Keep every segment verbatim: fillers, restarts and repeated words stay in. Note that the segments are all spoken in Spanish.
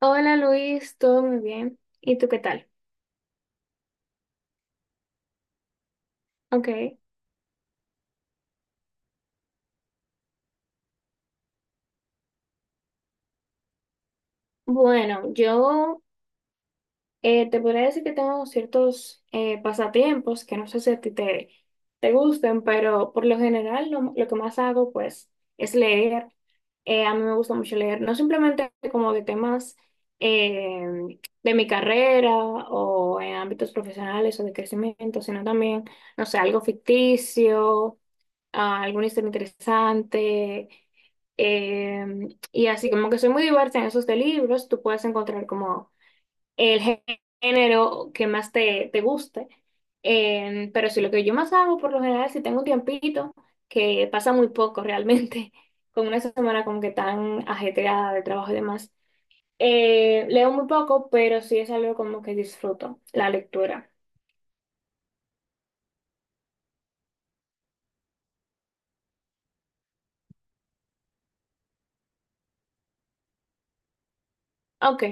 Hola Luis, todo muy bien. ¿Y tú qué tal? Ok. Bueno, yo eh, te podría decir que tengo ciertos eh, pasatiempos que no sé si a ti te, te gusten, pero por lo general lo, lo que más hago pues es leer. Eh, a mí me gusta mucho leer, no simplemente como de temas eh, de mi carrera o en ámbitos profesionales o de crecimiento, sino también, no sé, algo ficticio, ah, alguna historia interesante. Eh, y así como que soy muy diversa en esos de libros, tú puedes encontrar como el género que más te, te guste. Eh, pero si lo que yo más hago por lo general, si tengo un tiempito, que pasa muy poco realmente, con una semana como que tan ajetreada de trabajo y demás, eh, leo muy poco, pero sí es algo como que disfruto, la lectura. Ok,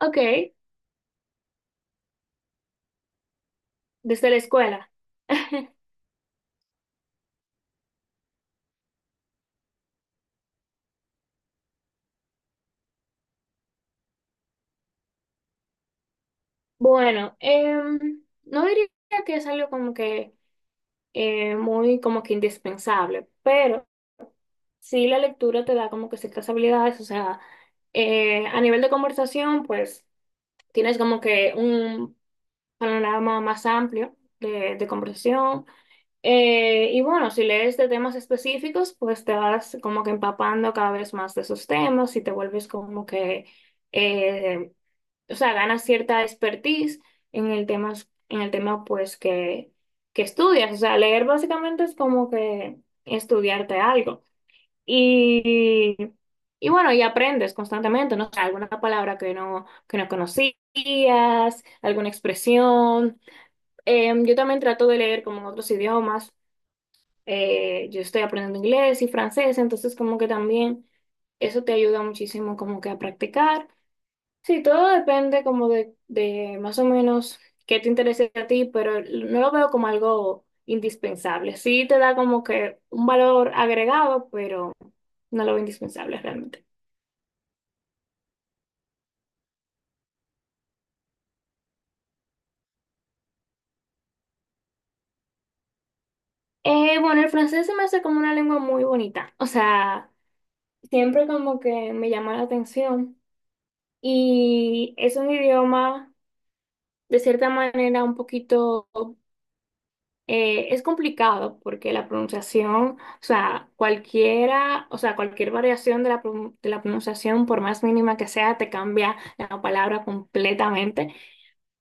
ok, desde la escuela. Bueno, em, no diría que es algo como que eh, muy como que indispensable, pero sí la lectura te da como que ciertas habilidades, o sea, eh, a nivel de conversación, pues tienes como que un panorama más amplio de, de conversación. Eh, y bueno, si lees de temas específicos, pues te vas como que empapando cada vez más de esos temas y te vuelves como que... eh, o sea, ganas cierta expertise en el tema, en el tema pues que, que estudias. O sea, leer básicamente es como que estudiarte algo. Y, y bueno, y aprendes constantemente, ¿no? O sea, alguna palabra que no, que no conocías, alguna expresión. Em, yo también trato de leer como en otros idiomas. Eh, yo estoy aprendiendo inglés y francés, entonces como que también eso te ayuda muchísimo como que a practicar. Sí, todo depende como de, de más o menos qué te interese a ti, pero no lo veo como algo indispensable. Sí te da como que un valor agregado, pero no lo veo indispensable realmente. Eh, bueno, el francés se me hace como una lengua muy bonita, o sea, siempre como que me llama la atención y es un idioma de cierta manera un poquito... Eh, es complicado porque la pronunciación, o sea, cualquiera, o sea, cualquier variación de la, pron- de la pronunciación, por más mínima que sea, te cambia la palabra completamente.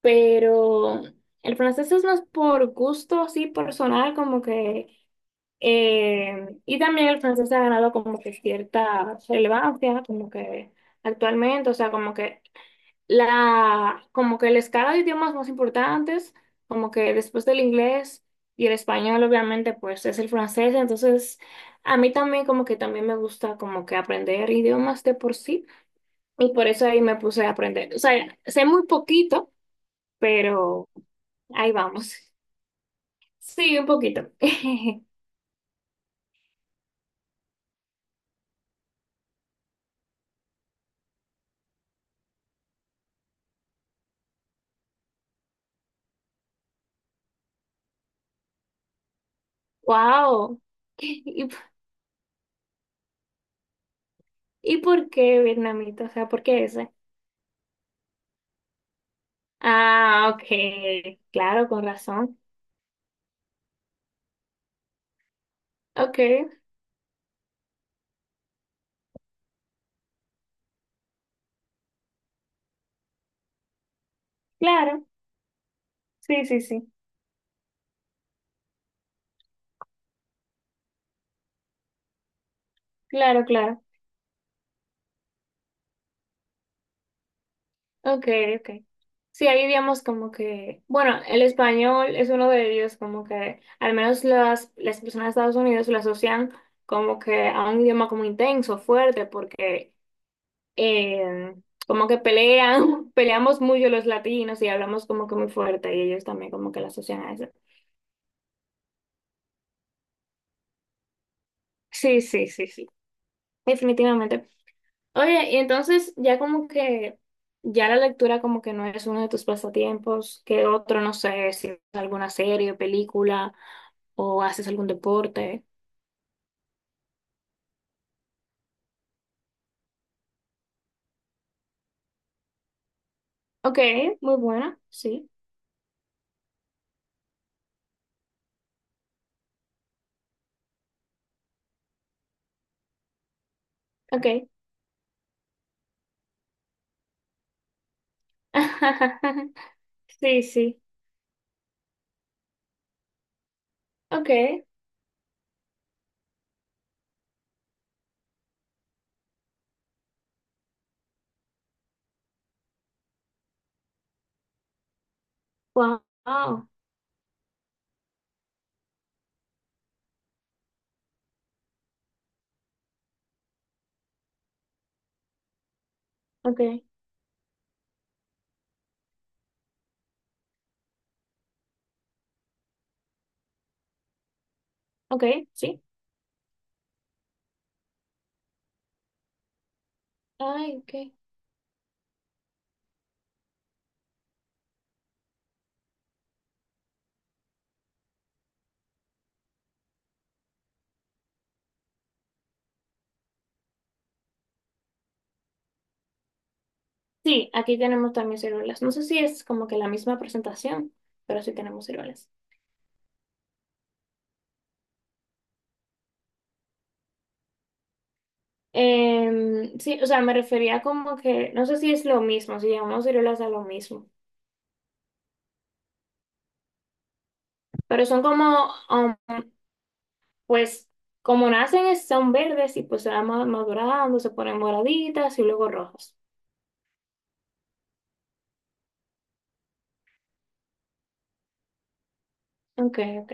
Pero el francés es más por gusto, así personal, como que, eh, y también el francés ha ganado como que cierta relevancia, como que actualmente, o sea, como que la, como que la escala de idiomas más importantes, como que después del inglés y el español, obviamente, pues es el francés. Entonces, a mí también como que también me gusta como que aprender idiomas de por sí. Y por eso ahí me puse a aprender. O sea, sé muy poquito, pero ahí vamos. Sí, un poquito. Wow. ¿Y, y por qué vietnamita? O sea, ¿por qué ese? Ah, ok. Claro, con razón. Ok, claro. Sí, sí, sí. Claro, claro. Ok, ok. Sí, ahí digamos como que, bueno, el español es uno de ellos, como que al menos las, las personas de Estados Unidos lo asocian como que a un idioma como intenso, fuerte, porque eh, como que pelean, peleamos mucho los latinos y hablamos como que muy fuerte y ellos también como que lo asocian a eso. Sí, sí, sí, sí. Definitivamente. Oye, y entonces ya como que ya la lectura como que no es uno de tus pasatiempos, ¿qué otro, no sé, si es alguna serie o película o haces algún deporte? Ok, muy buena, sí, ok. Sí, sí, ok, wow, ok, ok, sí, ay, ok. Sí, aquí tenemos también ciruelas. No sé si es como que la misma presentación, pero sí tenemos ciruelas. Em, sí, o sea, me refería como que, no sé si es lo mismo, si llamamos ciruelas a lo mismo, pero son como, um, pues, como nacen es- son verdes y pues se van ma- madurando, se ponen moraditas y luego rojas. Ok, ok,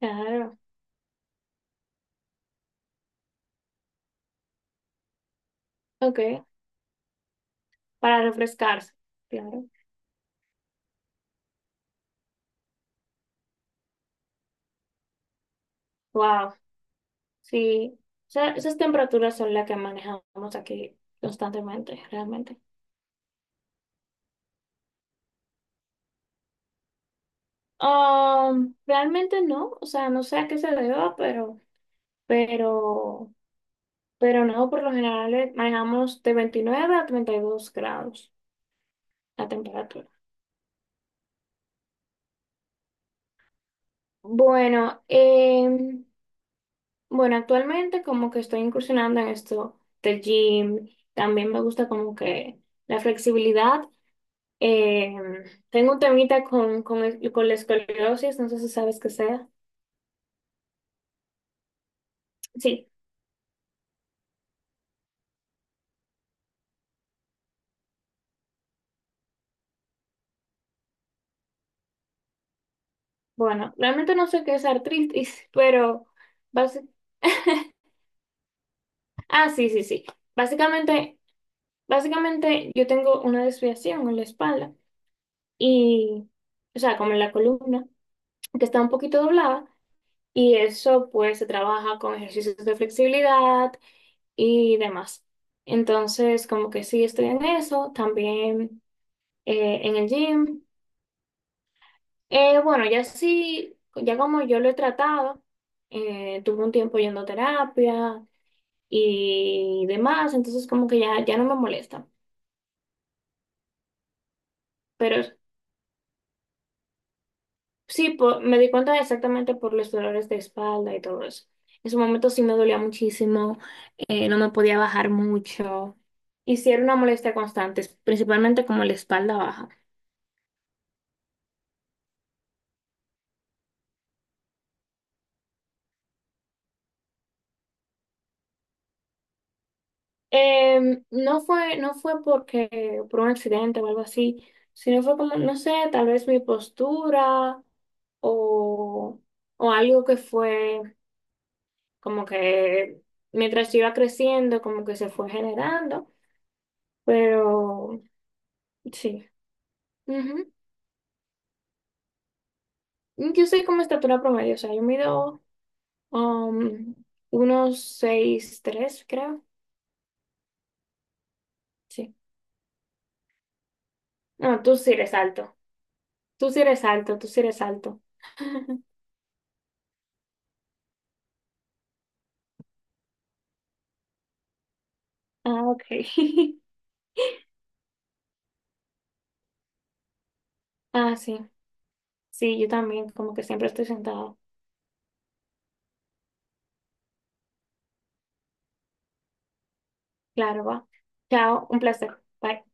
claro, ok, para refrescarse, claro. Wow, sí, o sea, esas temperaturas son las que manejamos aquí constantemente, realmente. Um, realmente no, o sea, no sé a qué se deba, pero, pero... Pero no, por lo general eh, manejamos de veintinueve a treinta y dos grados la temperatura. Bueno, em, bueno, actualmente como que estoy incursionando en esto del gym. También me gusta como que la flexibilidad. Em, Tengo un temita con, con, el- con la escoliosis, no sé si sabes qué sea. Sí, bueno, realmente no sé qué es artritis, pero básicamente... Ah, sí, sí, sí. Básicamente, básicamente yo tengo una desviación en la espalda y, o sea, como en la columna, que está un poquito doblada, y eso pues se trabaja con ejercicios de flexibilidad y demás. Entonces, como que sí estoy en eso, también eh, en el gym. Eh, bueno, ya sí, ya como yo lo he tratado, eh, tuve un tiempo yendo a terapia y demás, entonces como que ya, ya no me molesta. Pero sí, po- me di cuenta exactamente por los dolores de espalda y todo eso. En su momento sí me dolía muchísimo, eh, no me podía bajar mucho. Y sí era una molestia constante, principalmente como la espalda baja. Eh, no fue, no fue porque, por un accidente o algo así, sino fue como, no sé, tal vez mi postura o, o algo que fue como que mientras yo iba creciendo, como que se fue generando, pero sí. Yo soy como estatura promedio, o sea, yo mido um, unos seis tres creo. Sí. No, tú sí eres alto. Tú sí eres alto, tú sí eres alto. Ah, ok. Ah, sí. Sí, yo también, como que siempre estoy sentada. Claro, va. Chao, un placer. Bye.